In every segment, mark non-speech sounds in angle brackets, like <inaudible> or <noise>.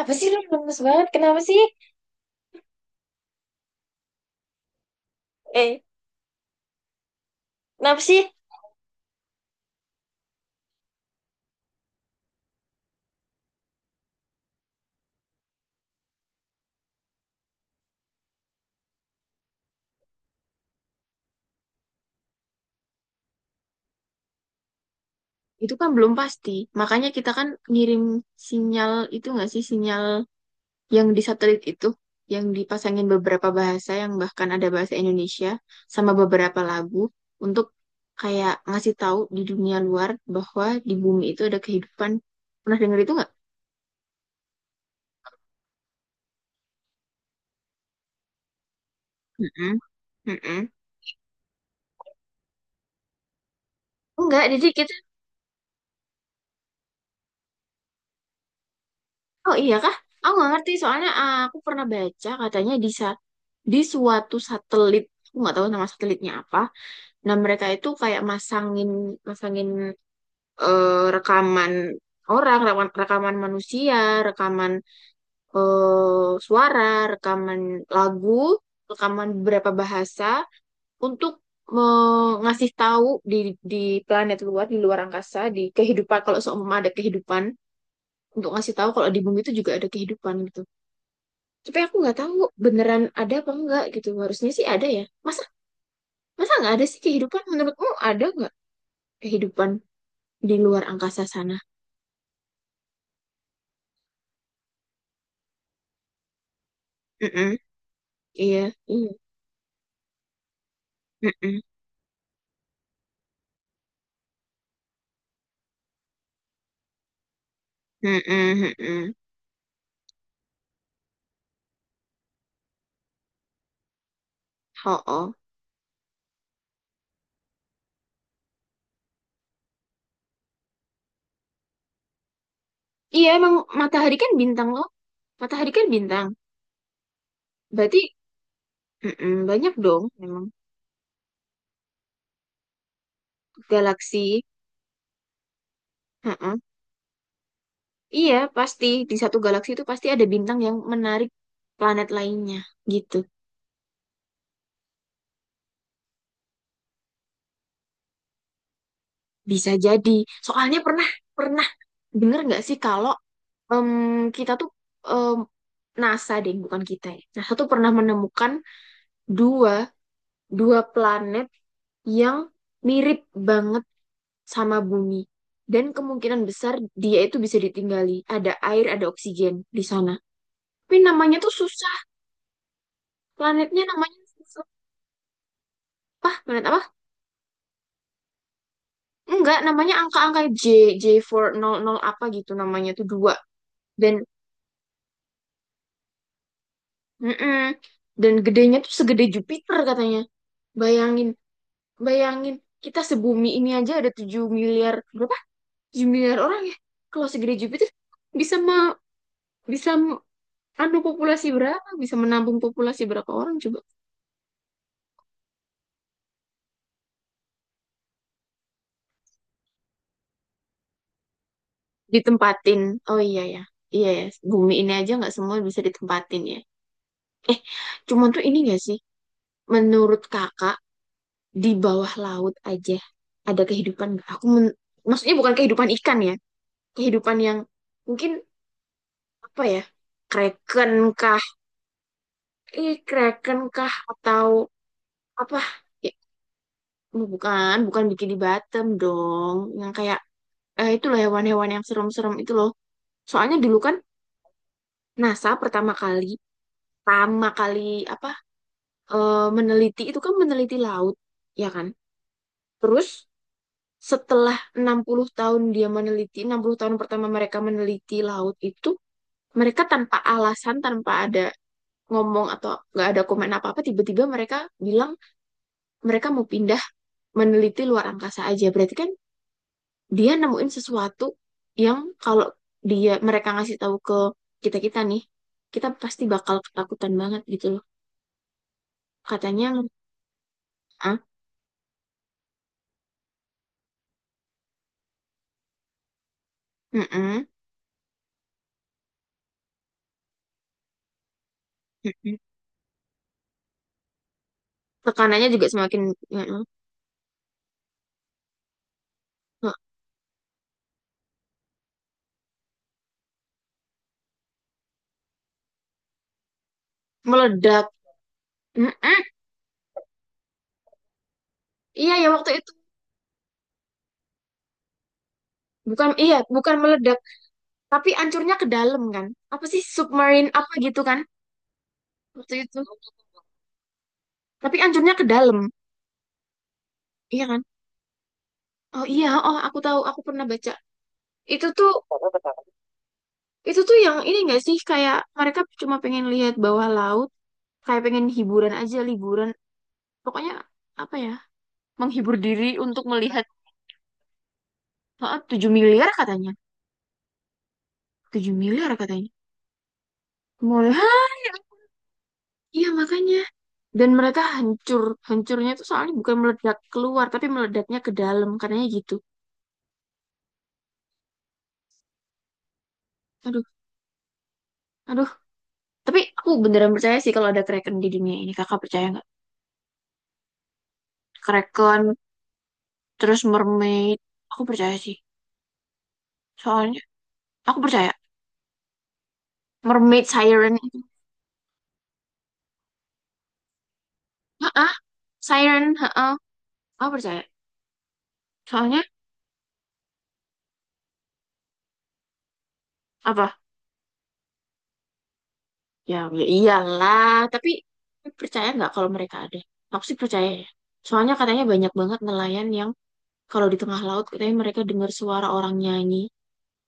Apa sih lu lemes banget? Kenapa sih? Eh, kenapa sih? Itu kan belum pasti. Makanya kita kan ngirim sinyal itu nggak sih? Sinyal yang di satelit itu. Yang dipasangin beberapa bahasa yang bahkan ada bahasa Indonesia. Sama beberapa lagu. Untuk kayak ngasih tahu di dunia luar bahwa di bumi itu ada kehidupan. Pernah denger itu nggak? Mm-mm. Mm-mm. Enggak, jadi kita. Oh iya kah? Aku nggak ngerti. Soalnya aku pernah baca katanya di suatu satelit, aku nggak tahu nama satelitnya apa. Nah, mereka itu kayak masangin masangin rekaman orang, rekaman, rekaman manusia, rekaman, suara, rekaman lagu, rekaman beberapa bahasa untuk ngasih tahu di planet luar, di luar angkasa, di kehidupan kalau seumpama ada kehidupan, untuk ngasih tahu kalau di bumi itu juga ada kehidupan gitu. Tapi aku nggak tahu beneran ada apa enggak gitu. Harusnya sih ada ya, masa. Masa nggak ada sih kehidupan? Menurutmu ada nggak kehidupan di luar angkasa sana? Mm-mm. Iya, iya. Mm-mm. Mm-mm. Mm-mm. Oh, oh. Iya, emang matahari kan bintang loh. Matahari kan bintang. Berarti, mm-mm, banyak dong memang galaksi. Heeh. Iya, pasti di satu galaksi itu pasti ada bintang yang menarik planet lainnya gitu. Bisa jadi. Soalnya pernah pernah denger nggak sih kalau, em, kita tuh, em, NASA deh, bukan kita ya. NASA tuh pernah menemukan dua dua planet yang mirip banget sama Bumi. Dan kemungkinan besar dia itu bisa ditinggali. Ada air, ada oksigen di sana. Tapi namanya tuh susah. Planetnya namanya susah. Apa? Planet apa? Enggak, namanya angka-angka J, J400 apa gitu namanya tuh dua. Dan, mm-mm. Dan gedenya tuh segede Jupiter katanya. Bayangin, bayangin, kita sebumi ini aja ada 7 miliar, berapa? 7 miliar orang ya. Kalau segede Jupiter, bisa me, bisa m- anu populasi berapa? Bisa menampung populasi berapa orang coba? Ditempatin. Oh iya ya. Iya ya, bumi ini aja nggak semua bisa ditempatin ya. Eh, cuman tuh ini nggak sih? Menurut kakak, di bawah laut aja ada kehidupan nggak? Maksudnya bukan kehidupan ikan ya. Kehidupan yang mungkin apa ya? Kraken kah? Kraken kah atau apa ya, oh, bukan bukan bikini bottom dong yang kayak itu loh hewan-hewan yang serem-serem itu loh. Soalnya dulu kan NASA pertama kali apa, meneliti itu kan, meneliti laut ya kan. Terus setelah 60 tahun dia meneliti, 60 tahun pertama mereka meneliti laut itu, mereka tanpa alasan, tanpa ada ngomong atau nggak ada komen apa-apa, tiba-tiba mereka bilang mereka mau pindah meneliti luar angkasa aja. Berarti kan dia nemuin sesuatu yang, kalau dia, mereka ngasih tahu ke kita, kita nih, kita pasti bakal ketakutan banget gitu loh katanya. ah mm-mm. Mm-mm. Tekanannya juga semakin mm-mm, mm, meledak. Mm-mm. Iya ya waktu itu. Bukan, iya bukan meledak tapi ancurnya ke dalam kan. Apa sih, submarine apa gitu kan. Waktu itu tapi ancurnya ke dalam. Iya kan? Oh iya, oh aku tahu, aku pernah baca itu tuh, itu tuh yang ini nggak sih? Kayak mereka cuma pengen lihat bawah laut, kayak pengen hiburan aja liburan. Pokoknya apa ya, menghibur diri untuk melihat. 7 miliar katanya, 7 miliar katanya. Mau lihat. Iya makanya. Dan mereka hancur, hancurnya tuh soalnya bukan meledak keluar tapi meledaknya ke dalam katanya gitu. Aduh, aduh. Tapi aku beneran percaya sih kalau ada kraken di dunia ini. Kakak percaya nggak kraken? Terus mermaid, aku percaya sih. Soalnya aku percaya mermaid siren itu. ah siren ha, aku percaya. Soalnya apa. Ya, ya iyalah. Tapi lu percaya nggak kalau mereka ada? Aku sih percaya ya. Soalnya katanya banyak banget nelayan yang kalau di tengah laut katanya mereka dengar suara orang nyanyi.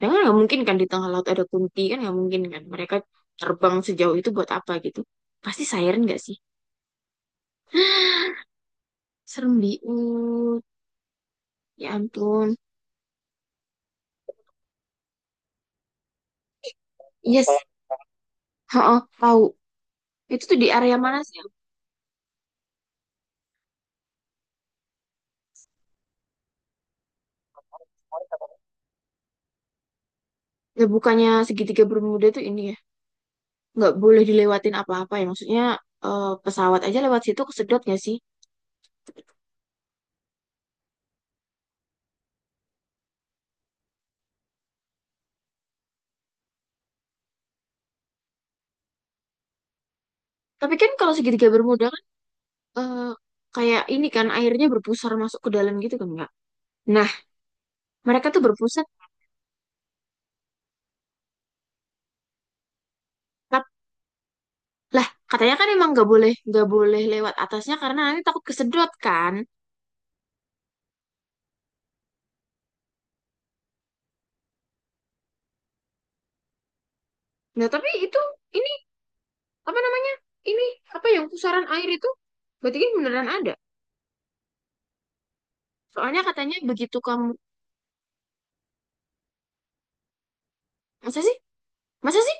Ya kan nggak mungkin kan di tengah laut ada kunti kan, nggak mungkin kan. Mereka terbang sejauh itu buat apa gitu? Pasti siren nggak sih? Serem biut. Ya ampun. Yes. Heeh, tahu. Itu tuh di area mana sih? Ya bukannya segitiga Bermuda tuh ini ya? Nggak boleh dilewatin apa-apa ya? Maksudnya, pesawat aja lewat situ kesedot nggak sih? Tapi kan kalau segitiga bermuda kan, eh, kayak ini kan airnya berpusar masuk ke dalam gitu kan Kak. Nah, mereka tuh berpusat. tap- Lah, katanya kan emang nggak boleh lewat atasnya karena nanti takut kesedot kan. Nah, tapi itu ini apa namanya? Ini apa yang pusaran air itu? Berarti kan beneran ada. Soalnya katanya begitu kamu masa sih? Masa sih?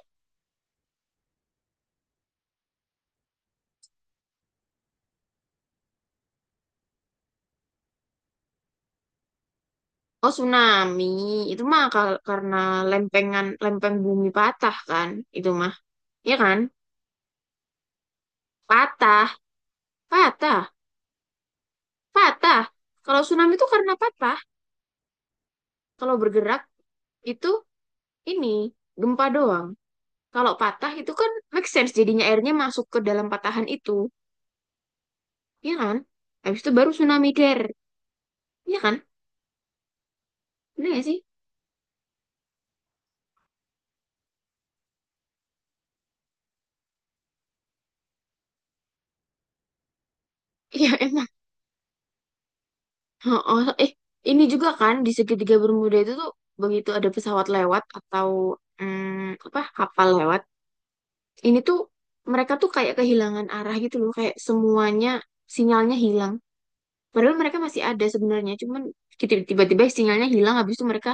Oh, tsunami. Itu mah, karena lempengan, lempeng bumi patah kan. Itu mah. Iya kan? Patah. Patah. Patah. Kalau tsunami itu karena patah. Kalau bergerak itu ini gempa doang. Kalau patah itu kan make sense, jadinya airnya masuk ke dalam patahan itu. Iya kan? Habis itu baru tsunami der. Iya kan? Bener gak sih? <laughs> Iya emang. Oh, oh, eh, ini juga kan di segitiga Bermuda itu tuh begitu ada pesawat lewat atau, mm, apa kapal lewat. Ini tuh mereka tuh kayak kehilangan arah gitu loh. Kayak semuanya sinyalnya hilang. Padahal mereka masih ada sebenarnya, cuman tiba-tiba sinyalnya hilang, habis itu mereka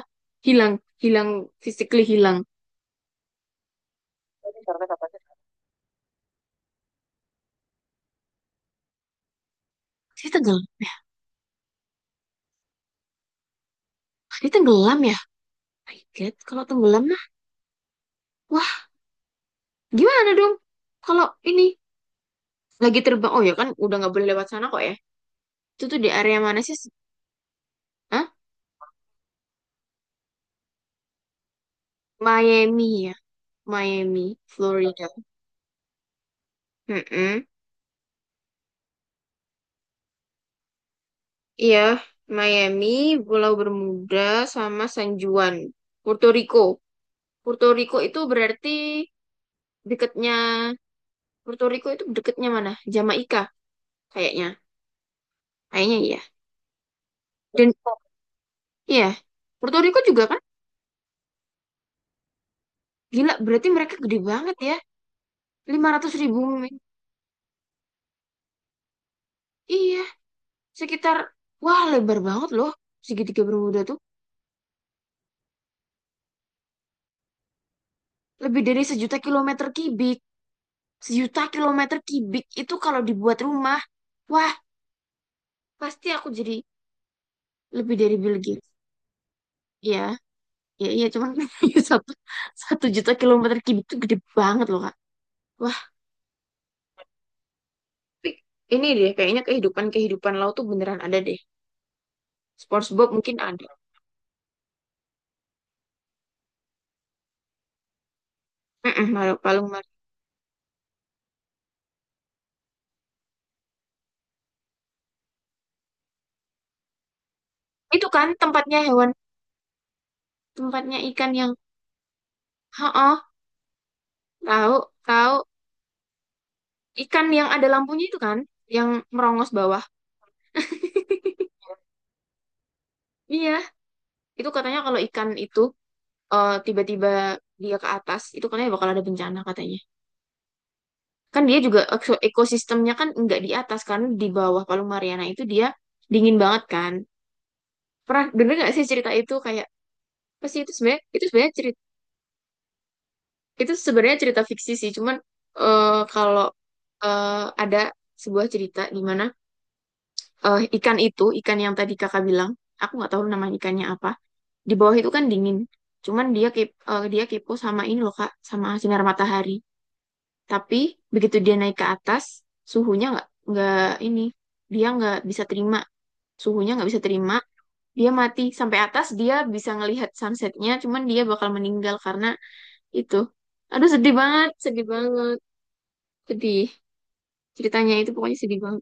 hilang, hilang, physically hilang. Karena kata. Dia tenggelam ya? Dia tenggelam ya? My God, kalau tenggelam mah, wah gimana dong? Kalau ini lagi terbang, oh ya kan udah nggak boleh lewat sana kok ya? Itu tuh di area mana sih? Hah? Miami ya? Miami, Florida. Mm-mm. Iya, Miami, Pulau Bermuda, sama San Juan, Puerto Rico. Puerto Rico itu berarti dekatnya. Puerto Rico itu deketnya mana? Jamaika kayaknya. Kayaknya iya. Dan iya, Puerto Rico juga kan? Gila, berarti mereka gede banget ya. 500.000 mil. Iya, sekitar, wah lebar banget loh. Segitiga Bermuda tuh. Lebih dari 1 juta kilometer kubik. 1 juta kilometer kubik itu kalau dibuat rumah. Wah, pasti aku jadi lebih dari Bill Gates. Iya, iya, iya. Cuman <laughs> satu, 1 juta kilometer kubik itu gede banget loh, Kak. Tapi ini deh, kayaknya kehidupan-kehidupan laut tuh beneran ada deh. SpongeBob mungkin ada. Mm-mm, palung Mar. Itu kan tempatnya hewan, tempatnya ikan yang, oh, tahu, tahu. Ikan yang ada lampunya itu kan, yang merongos bawah. <laughs> Iya, itu katanya kalau ikan itu, tiba-tiba dia ke atas, itu katanya bakal ada bencana katanya. Kan dia juga ekosistemnya kan nggak di atas kan, di bawah Palung Mariana itu dia dingin banget kan. Pernah denger nggak sih cerita itu kayak pasti itu sebenarnya, itu sebenarnya cerita. Itu sebenarnya cerita fiksi sih, cuman, eh, kalau, eh, ada sebuah cerita di mana, ikan itu, ikan yang tadi kakak bilang, aku nggak tahu nama ikannya apa, di bawah itu kan dingin. Cuman dia kepo sama ini loh Kak, sama sinar matahari. Tapi begitu dia naik ke atas, suhunya nggak ini, dia nggak bisa terima, suhunya nggak bisa terima, dia mati. Sampai atas dia bisa ngelihat sunsetnya cuman dia bakal meninggal karena itu. Aduh sedih banget, sedih banget. Sedih. Ceritanya itu pokoknya sedih banget.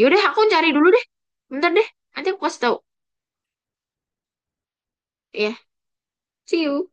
Yaudah, aku cari dulu deh. Bentar deh. Nanti aku kasih tahu. Ya, yeah. See you.